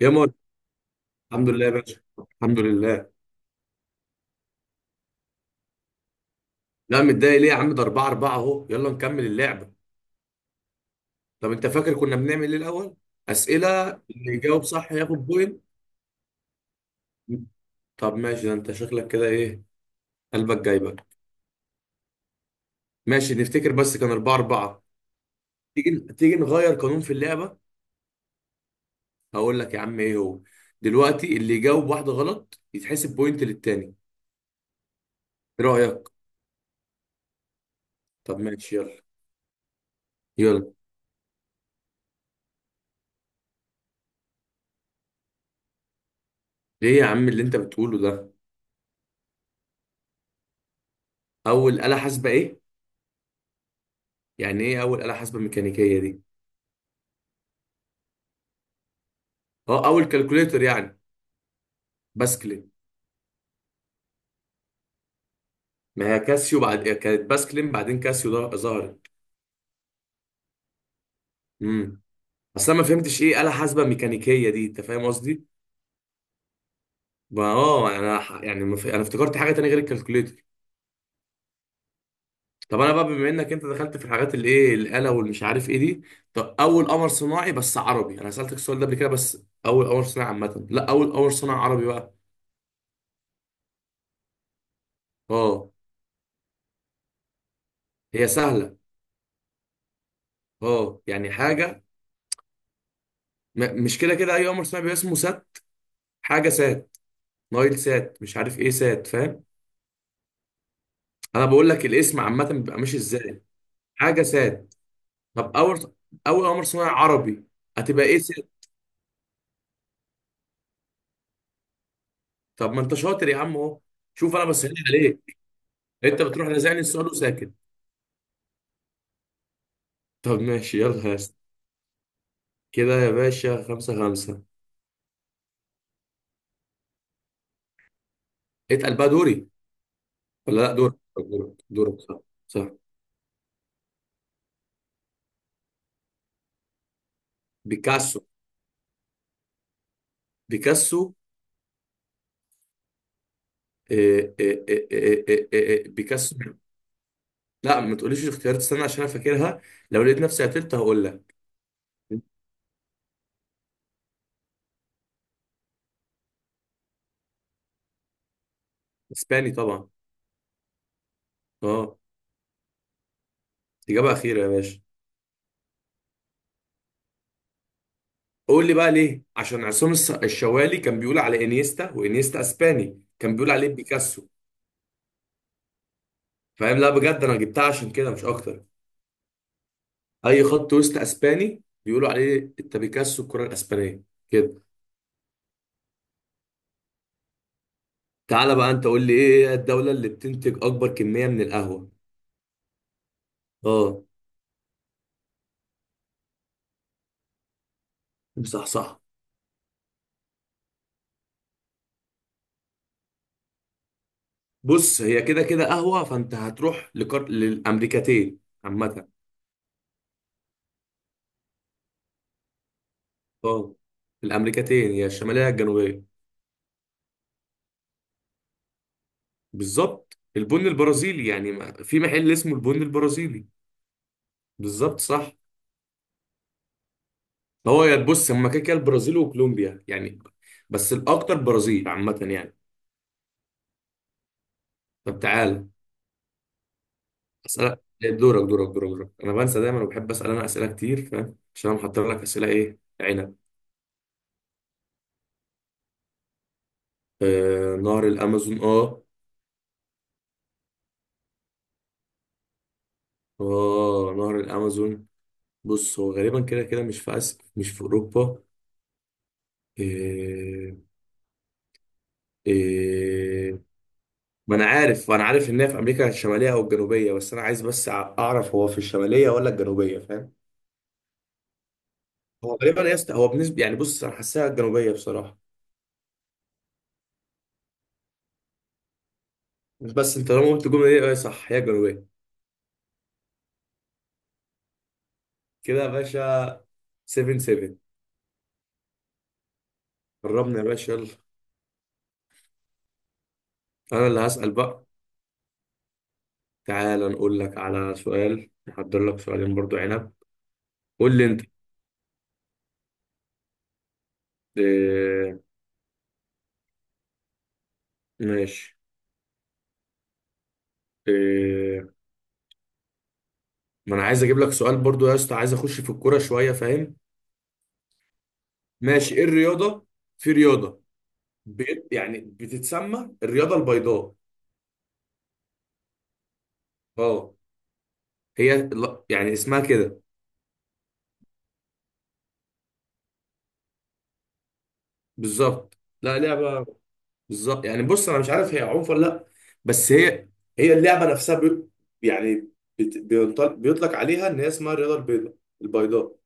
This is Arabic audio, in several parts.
يا مول، الحمد لله يا باشا. الحمد لله. لا، متضايق ليه يا عم؟ ده 4 4 اهو، يلا نكمل اللعبه. طب انت فاكر كنا بنعمل ايه الاول؟ اسئله، اللي يجاوب صح ياخد بوينت. طب ماشي، ده انت شكلك كده، ايه قلبك جايبك. ماشي، نفتكر بس كان 4 4. تيجي تيجي نغير قانون في اللعبه. هقول لك يا عم ايه هو. دلوقتي اللي يجاوب واحده غلط يتحسب بوينت للتاني. ايه رايك؟ طب ماشي، يلا يلا. ايه يا عم اللي انت بتقوله ده؟ اول آلة حاسبة ايه؟ يعني ايه اول آلة حاسبة ميكانيكية دي؟ اه، اول كالكوليتر يعني. باسكلين. ما هي كاسيو، بعد كانت باسكلين بعدين كاسيو ده ظهرت. امم. بس انا ما فهمتش ايه آلة حاسبة ميكانيكية دي، انت فاهم قصدي؟ ما- اه انا ح- يعني ما ف- انا افتكرت حاجة تانية غير الكالكوليتر. طب انا بقى بما انك انت دخلت في الحاجات اللي ايه الآلة والمش عارف ايه دي. طب اول قمر صناعي بس عربي، انا سألتك السؤال ده قبل كده، بس اول قمر صناعي عامة، لا، اول قمر صناعي عربي بقى. اه، هي سهلة. اه يعني حاجة. مش كده كده اي قمر صناعي بيبقى اسمه سات. حاجة سات، نايل سات، مش عارف ايه سات، فاهم؟ انا بقول لك الاسم عامه بيبقى ماشي ازاي. حاجه سات. طب اول قمر صناعي عربي، هتبقى ايه سات؟ طب ما انت شاطر يا عم اهو. شوف، انا بسهل عليك، انت بتروح لازعني السؤال وساكت. طب ماشي يلا يا اسطى. كده يا باشا، خمسة خمسة. اتقل بقى، دوري. ولا لا، دورك، طب دورك صح، صح. بيكاسو بيكاسو. إيه إيه إيه إيه إيه إيه بيكاسو لا، ما تقوليش الاختيارات، استنى عشان انا فاكرها. لو لقيت نفسي قتلت هقول لك. اسباني طبعا. اه، اجابه اخيره يا باشا. قول لي بقى ليه، عشان عصام الشوالي كان بيقول على انيستا، وانيستا اسباني كان بيقول عليه بيكاسو. فاهم؟ لا بجد انا جبتها عشان كده مش اكتر. اي خط وسط اسباني بيقولوا عليه انت بيكاسو، الكره الاسبانيه كده. تعالى بقى انت قول لي، ايه هي الدوله اللي بتنتج اكبر كميه من القهوه؟ اه، صح صح. بص، هي كده كده قهوه، فانت هتروح للامريكتين عامه. اه. الامريكتين، هي الشماليه يا الجنوبيه؟ بالظبط، البن البرازيلي يعني، في محل اسمه البن البرازيلي. بالظبط صح. هو يا تبص هما كده كده البرازيل وكولومبيا يعني. بس الاكتر برازيل عامه يعني. طب تعال. اسالك دورك. انا بنسى دايما وبحب اسال، انا اسئله كتير فاهم، عشان انا محضر لك اسئله، ايه عنب. آه، نهر الامازون. اه اه، نهر الامازون. بص، هو غالبا كده كده مش في اسيا، مش في اوروبا. إيه إيه ما انا عارف، انا عارف ان هي في امريكا الشماليه او الجنوبيه، بس انا عايز بس اعرف هو في الشماليه ولا الجنوبيه، فاهم؟ هو غالبا يا اسطى، هو بالنسبه يعني، بص، انا حاساها الجنوبيه بصراحه. مش بس، انت طالما قلت الجمله دي اه صح، هي الجنوبيه. كده يا باشا، 7 7. قربنا يا باشا، يلا. انا اللي هسال بقى. تعال نقول لك على سؤال، نحضر لك سؤالين برضو، عنب. قول لي انت. اه. ماشي. اه. ما انا عايز اجيب لك سؤال برضو يا اسطى، عايز اخش في الكوره شويه، فاهم؟ ماشي، ايه الرياضه، في رياضه بيت يعني بتتسمى الرياضه البيضاء. اه، هي يعني اسمها كده. بالظبط، لا لعبة. بالظبط يعني، بص، انا مش عارف هي عنف ولا لا. بس هي اللعبه نفسها بي، يعني بيطلق عليها ان هي اسمها الرياضه البيضاء، البيضاء.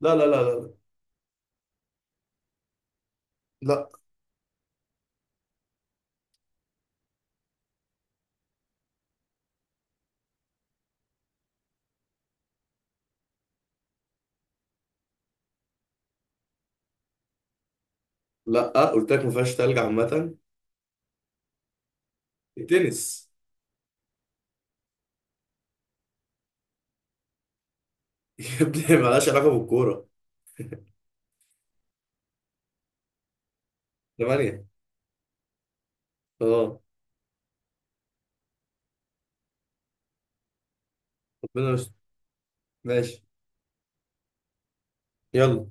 لا لا لا لا لا لا. آه، قلت لك ما فيهاش تلج عامه. التنس. يا ابني مالهاش علاقه بالكوره. ثمانيه. اه، ربنا مش. ماشي، يلا.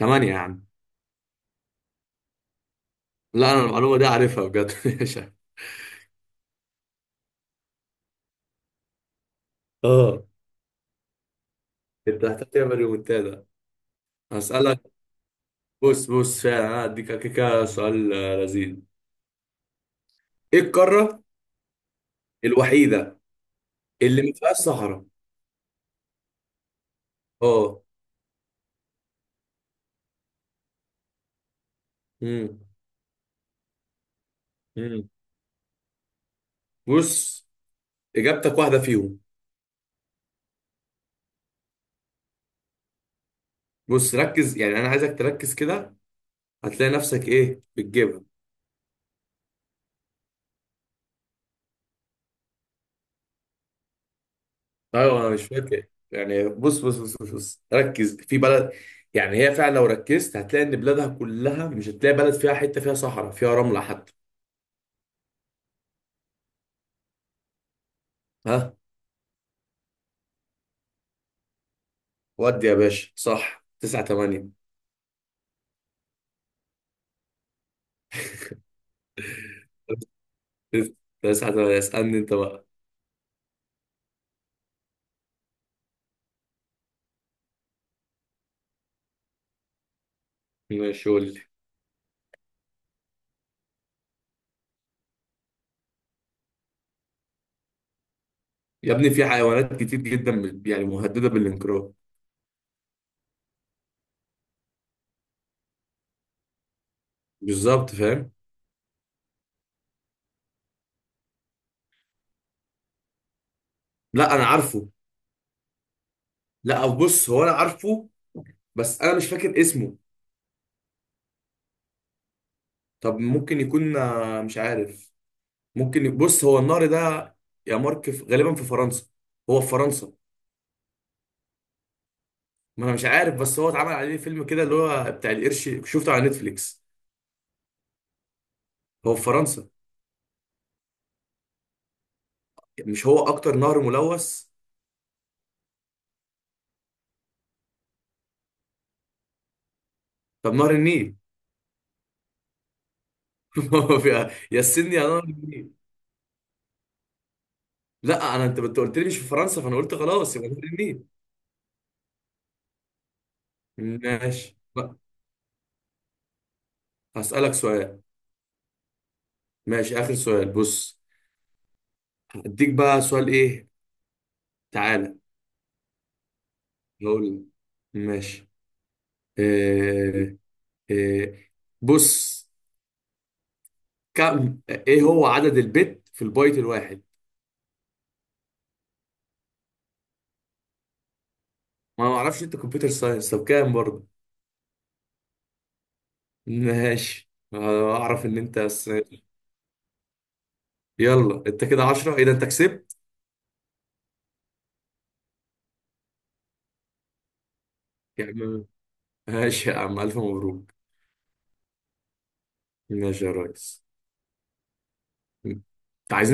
ثمانيه يا عم. لا انا المعلومه دي عارفها بجد مش عارف. اه. انت هتحتاج تعمل ريمونتادا. هسألك. بص فعلا، انا هديك كده سؤال لذيذ. ايه القاره الوحيده اللي ما فيهاش صحراء؟ اه. امم. امم. بص، اجابتك واحده فيهم. بص ركز، يعني انا عايزك تركز كده. هتلاقي نفسك ايه بتجيبها. ايوه، انا مش فاكر يعني، بص. ركز في بلد. يعني هي فعلا، لو ركزت هتلاقي ان بلادها كلها مش هتلاقي بلد فيها حته فيها صحراء، فيها رمله حتى. ها. ودي يا باشا صح، 9 8. 9 8، اسالني انت بقى. ماشي، قول لي. يا ابني في حيوانات كتير جدا يعني مهدده بالانقراض. بالظبط فاهم. لا انا عارفه. لا أو بص، هو انا عارفه. بس انا مش فاكر اسمه. طب ممكن يكون، مش عارف. ممكن بص، هو النهر ده. يا مارك، غالبا في فرنسا. هو في فرنسا. ما انا مش عارف، بس هو اتعمل عليه فيلم كده اللي هو بتاع القرش، شفته على نتفليكس. هو في فرنسا؟ مش هو اكتر نهر ملوث؟ طب نهر النيل. هو في- يا السن يا نهر النيل. لا، انت قلت لي مش في فرنسا، فانا قلت خلاص يبقى نهر النيل. ماشي بقى. هسألك سؤال. ماشي، آخر سؤال، بص. اديك بقى سؤال ايه. تعالى. هقول لك. ماشي. إيه إيه بص ايه هو عدد البت في البايت الواحد؟ ما أنا ما اعرفش، انت كمبيوتر ساينس، طب كام برضه؟ ماشي أنا اعرف ان انت، بس. يلا انت كده 10، ايه ده، انت كسبت. يا عم. ماشي يا عم، الف مبروك. ماشي يا ريس. انت عايزين.